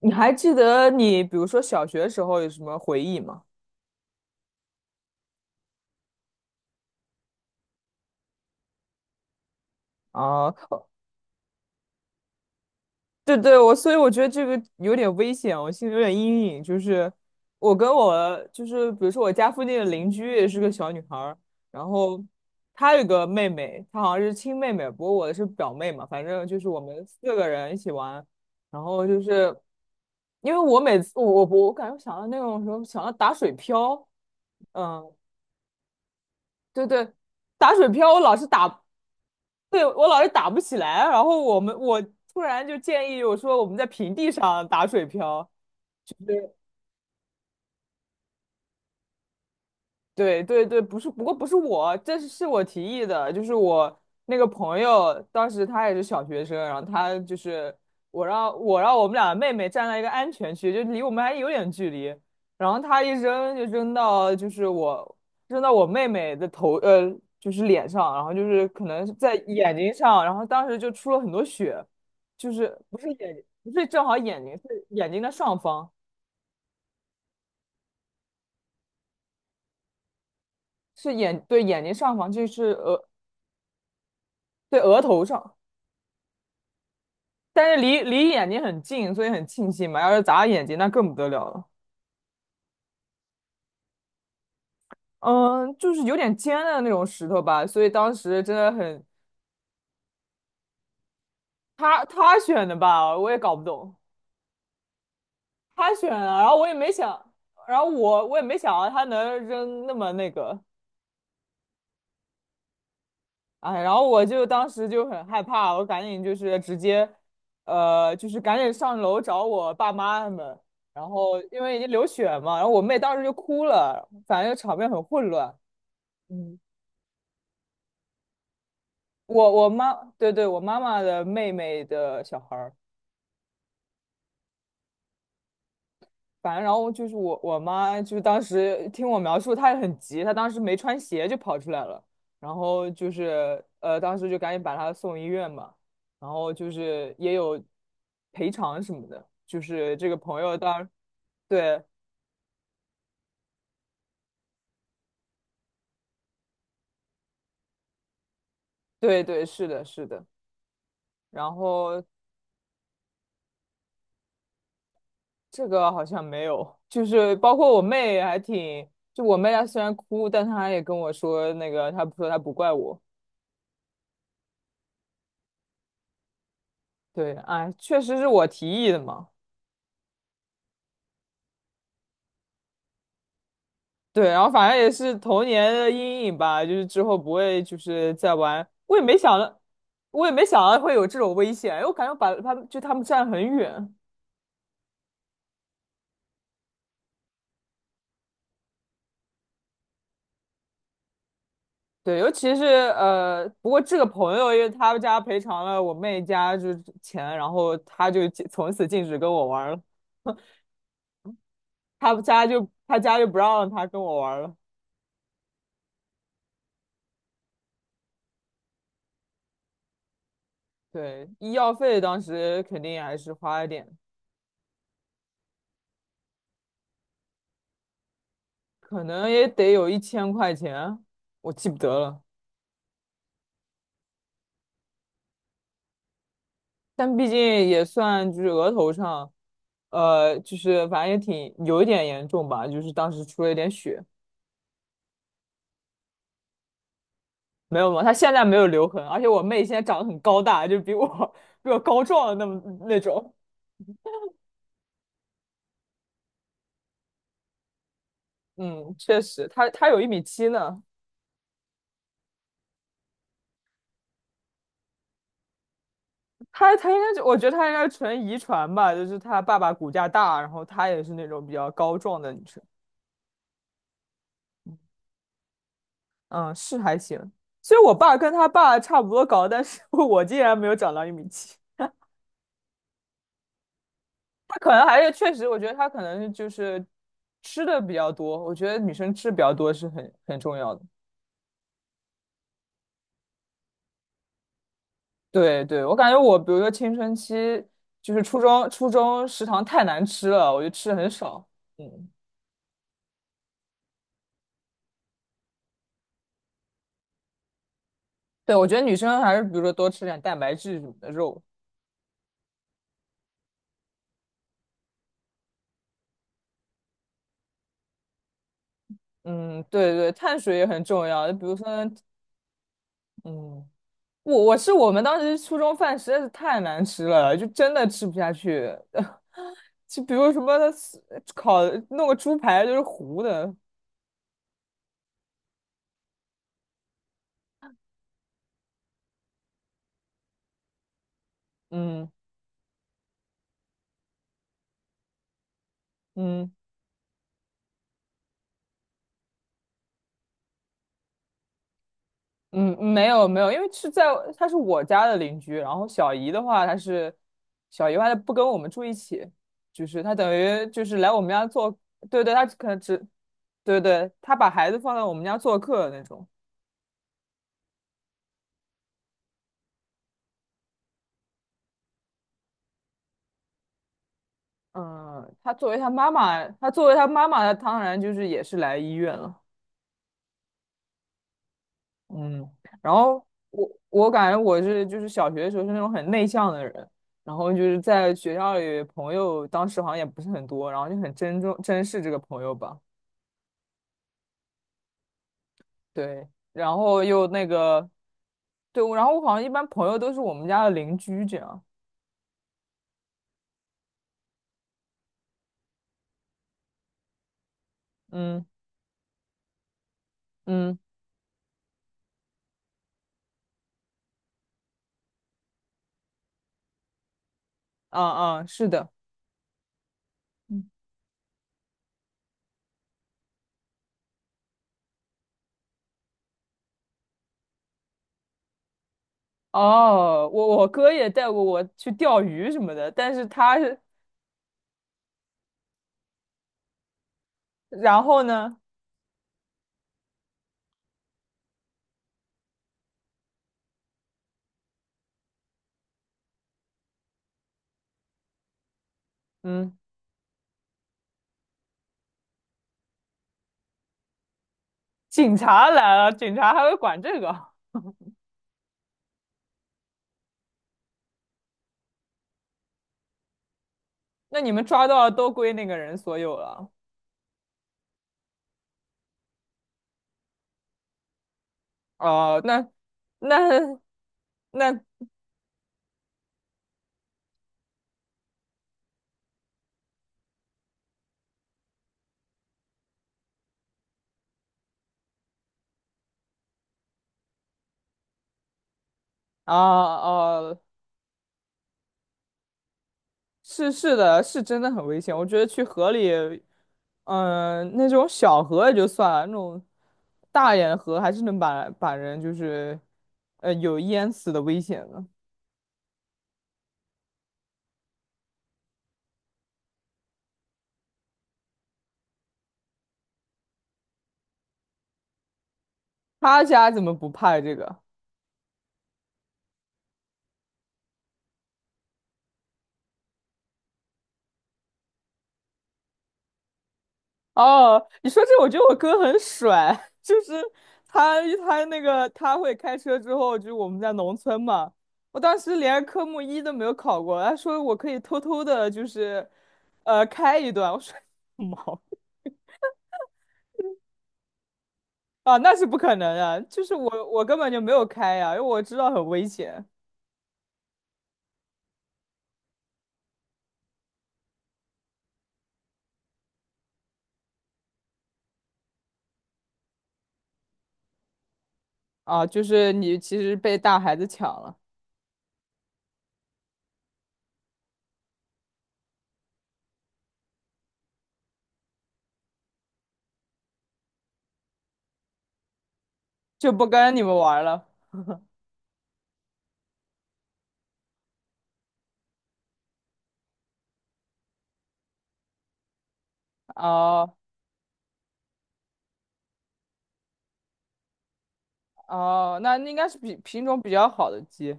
你还记得你比如说小学时候有什么回忆吗？啊，哦，对对，所以我觉得这个有点危险，我心里有点阴影。就是我就是比如说我家附近的邻居也是个小女孩儿，然后她有个妹妹，她好像是亲妹妹，不过我的是表妹嘛，反正就是我们四个人一起玩，然后就是因为我每次我我我感觉想到那种什么想到打水漂。嗯，对对。打水漂，我老是打，对，我老是打不起来，然后我突然就建议我说我们在平地上打水漂。对对对，不是，不过不是我，这是我提议的，就是我那个朋友，当时他也是小学生，然后他就是我让我们俩妹妹站在一个安全区，就离我们还有点距离，然后他一扔就扔到我妹妹的头，就是脸上，然后就是可能是在眼睛上，然后当时就出了很多血，就是不是眼睛，不是正好眼睛，是眼睛的上方，对，眼睛上方，对，额头上。但是离眼睛很近，所以很庆幸嘛。要是砸眼睛，那更不得了了。嗯，就是有点尖的那种石头吧，所以当时真的很，他选的吧，我也搞不懂，他选了，然后我也没想，然后我也没想到他能扔那么那个。哎，然后我就当时就很害怕，我赶紧就是直接，就是赶紧上楼找我爸妈他们，然后因为已经流血嘛，然后我妹当时就哭了，反正场面很混乱。嗯。我我妈，对对，我妈妈的妹妹的小孩儿。反正然后就是我妈，就是当时听我描述，她也很急，她当时没穿鞋就跑出来了，然后就是当时就赶紧把她送医院嘛，然后就是也有赔偿什么的，就是这个朋友当，对对对，是的，是的，然后这个好像没有，就是包括我妹还挺，就我妹她虽然哭，但她也跟我说那个，她说她不怪我。对，哎，确实是我提议的嘛。对，然后反正也是童年的阴影吧，就是之后不会就是再玩。我也没想到，我也没想到会有这种危险，因为我感觉我把他们就他们站很远。对，尤其是不过这个朋友因为他们家赔偿了我妹家就是钱，然后他就从此禁止跟我玩了。他家就不让他跟我玩了。对，医药费当时肯定还是花了点。可能也得有1000块钱，我记不得了。但毕竟也算就是额头上，就是反正也挺有一点严重吧，就是当时出了一点血，没有吗？她现在没有留痕，而且我妹现在长得很高大，就比我 比我高壮的那么那种。嗯，确实，她有一米七呢，她她应该就我觉得她应该纯遗传吧，就是她爸爸骨架大，然后她也是那种比较高壮的女生。嗯，是还行。其实我爸跟他爸差不多高，但是 我竟然没有长到1米7。他可能还是确实，我觉得他可能就是吃的比较多。我觉得女生吃比较多是很重要的。对对，我感觉我比如说青春期，就是初中食堂太难吃了，我就吃的很少。嗯，对，我觉得女生还是比如说多吃点蛋白质什么的肉。嗯，对对，碳水也很重要。比如说，嗯，我们当时初中饭实在是太难吃了，就真的吃不下去。就比如什么烤弄个猪排就是糊的，嗯嗯嗯，没有没有，因为他是我家的邻居，然后小姨的话，她不跟我们住一起，就是她等于就是来我们家做，对对，她可能只，对对，她把孩子放在我们家做客的那种。嗯，她作为她妈妈,她当然就是也是来医院了。嗯，然后我感觉就是小学的时候是那种很内向的人，然后就是在学校里朋友当时好像也不是很多，然后就很珍视这个朋友吧，对，然后又那个，对，然后我好像一般朋友都是我们家的邻居这样，嗯嗯，啊啊，是的，嗯哦，我哥也带过我去钓鱼什么的，但是他是然后呢，嗯，警察来了，警察还会管这个。那你们抓到了都归那个人所有了。哦，那那那，啊哦、是的，是真的很危险。我觉得去河里，那种小河也就算了，那种大一点的河还是能把人就是，有淹死的危险的。他家怎么不怕这个？哦，你说这，我觉得我哥很帅，就是他他那个他会开车之后，就我们在农村嘛，我当时连科目一都没有考过，他说我可以偷偷的，就是开一段，我说 毛啊，那是不可能的，就是我根本就没有开呀，因为我知道很危险。啊，就是你其实被大孩子抢了，就不跟你们玩了。哦哦，那应该是比品种比较好的鸡。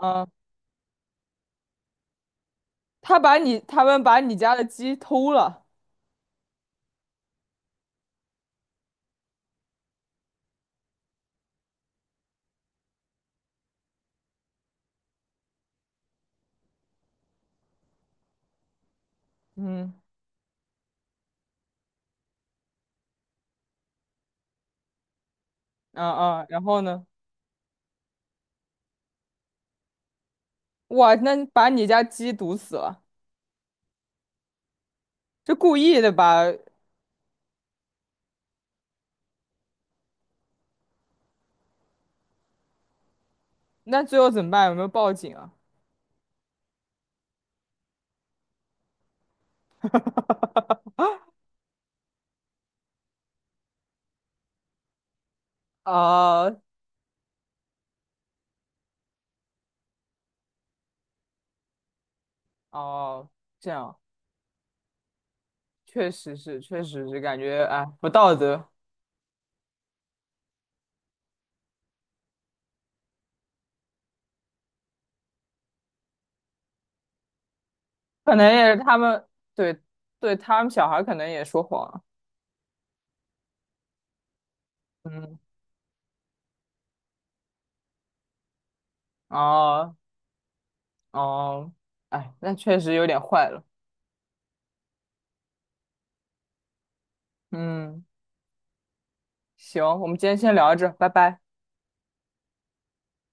嗯，他们把你家的鸡偷了，嗯，啊啊，然后呢？哇，那把你家鸡毒死了，这故意的吧？那最后怎么办？有没有报警啊？啊，哦，这样确实是，感觉哎不道德，可能也是对对，他们小孩可能也说谎了，嗯，哦哦，哎，那确实有点坏了，嗯，行，我们今天先聊着，拜拜。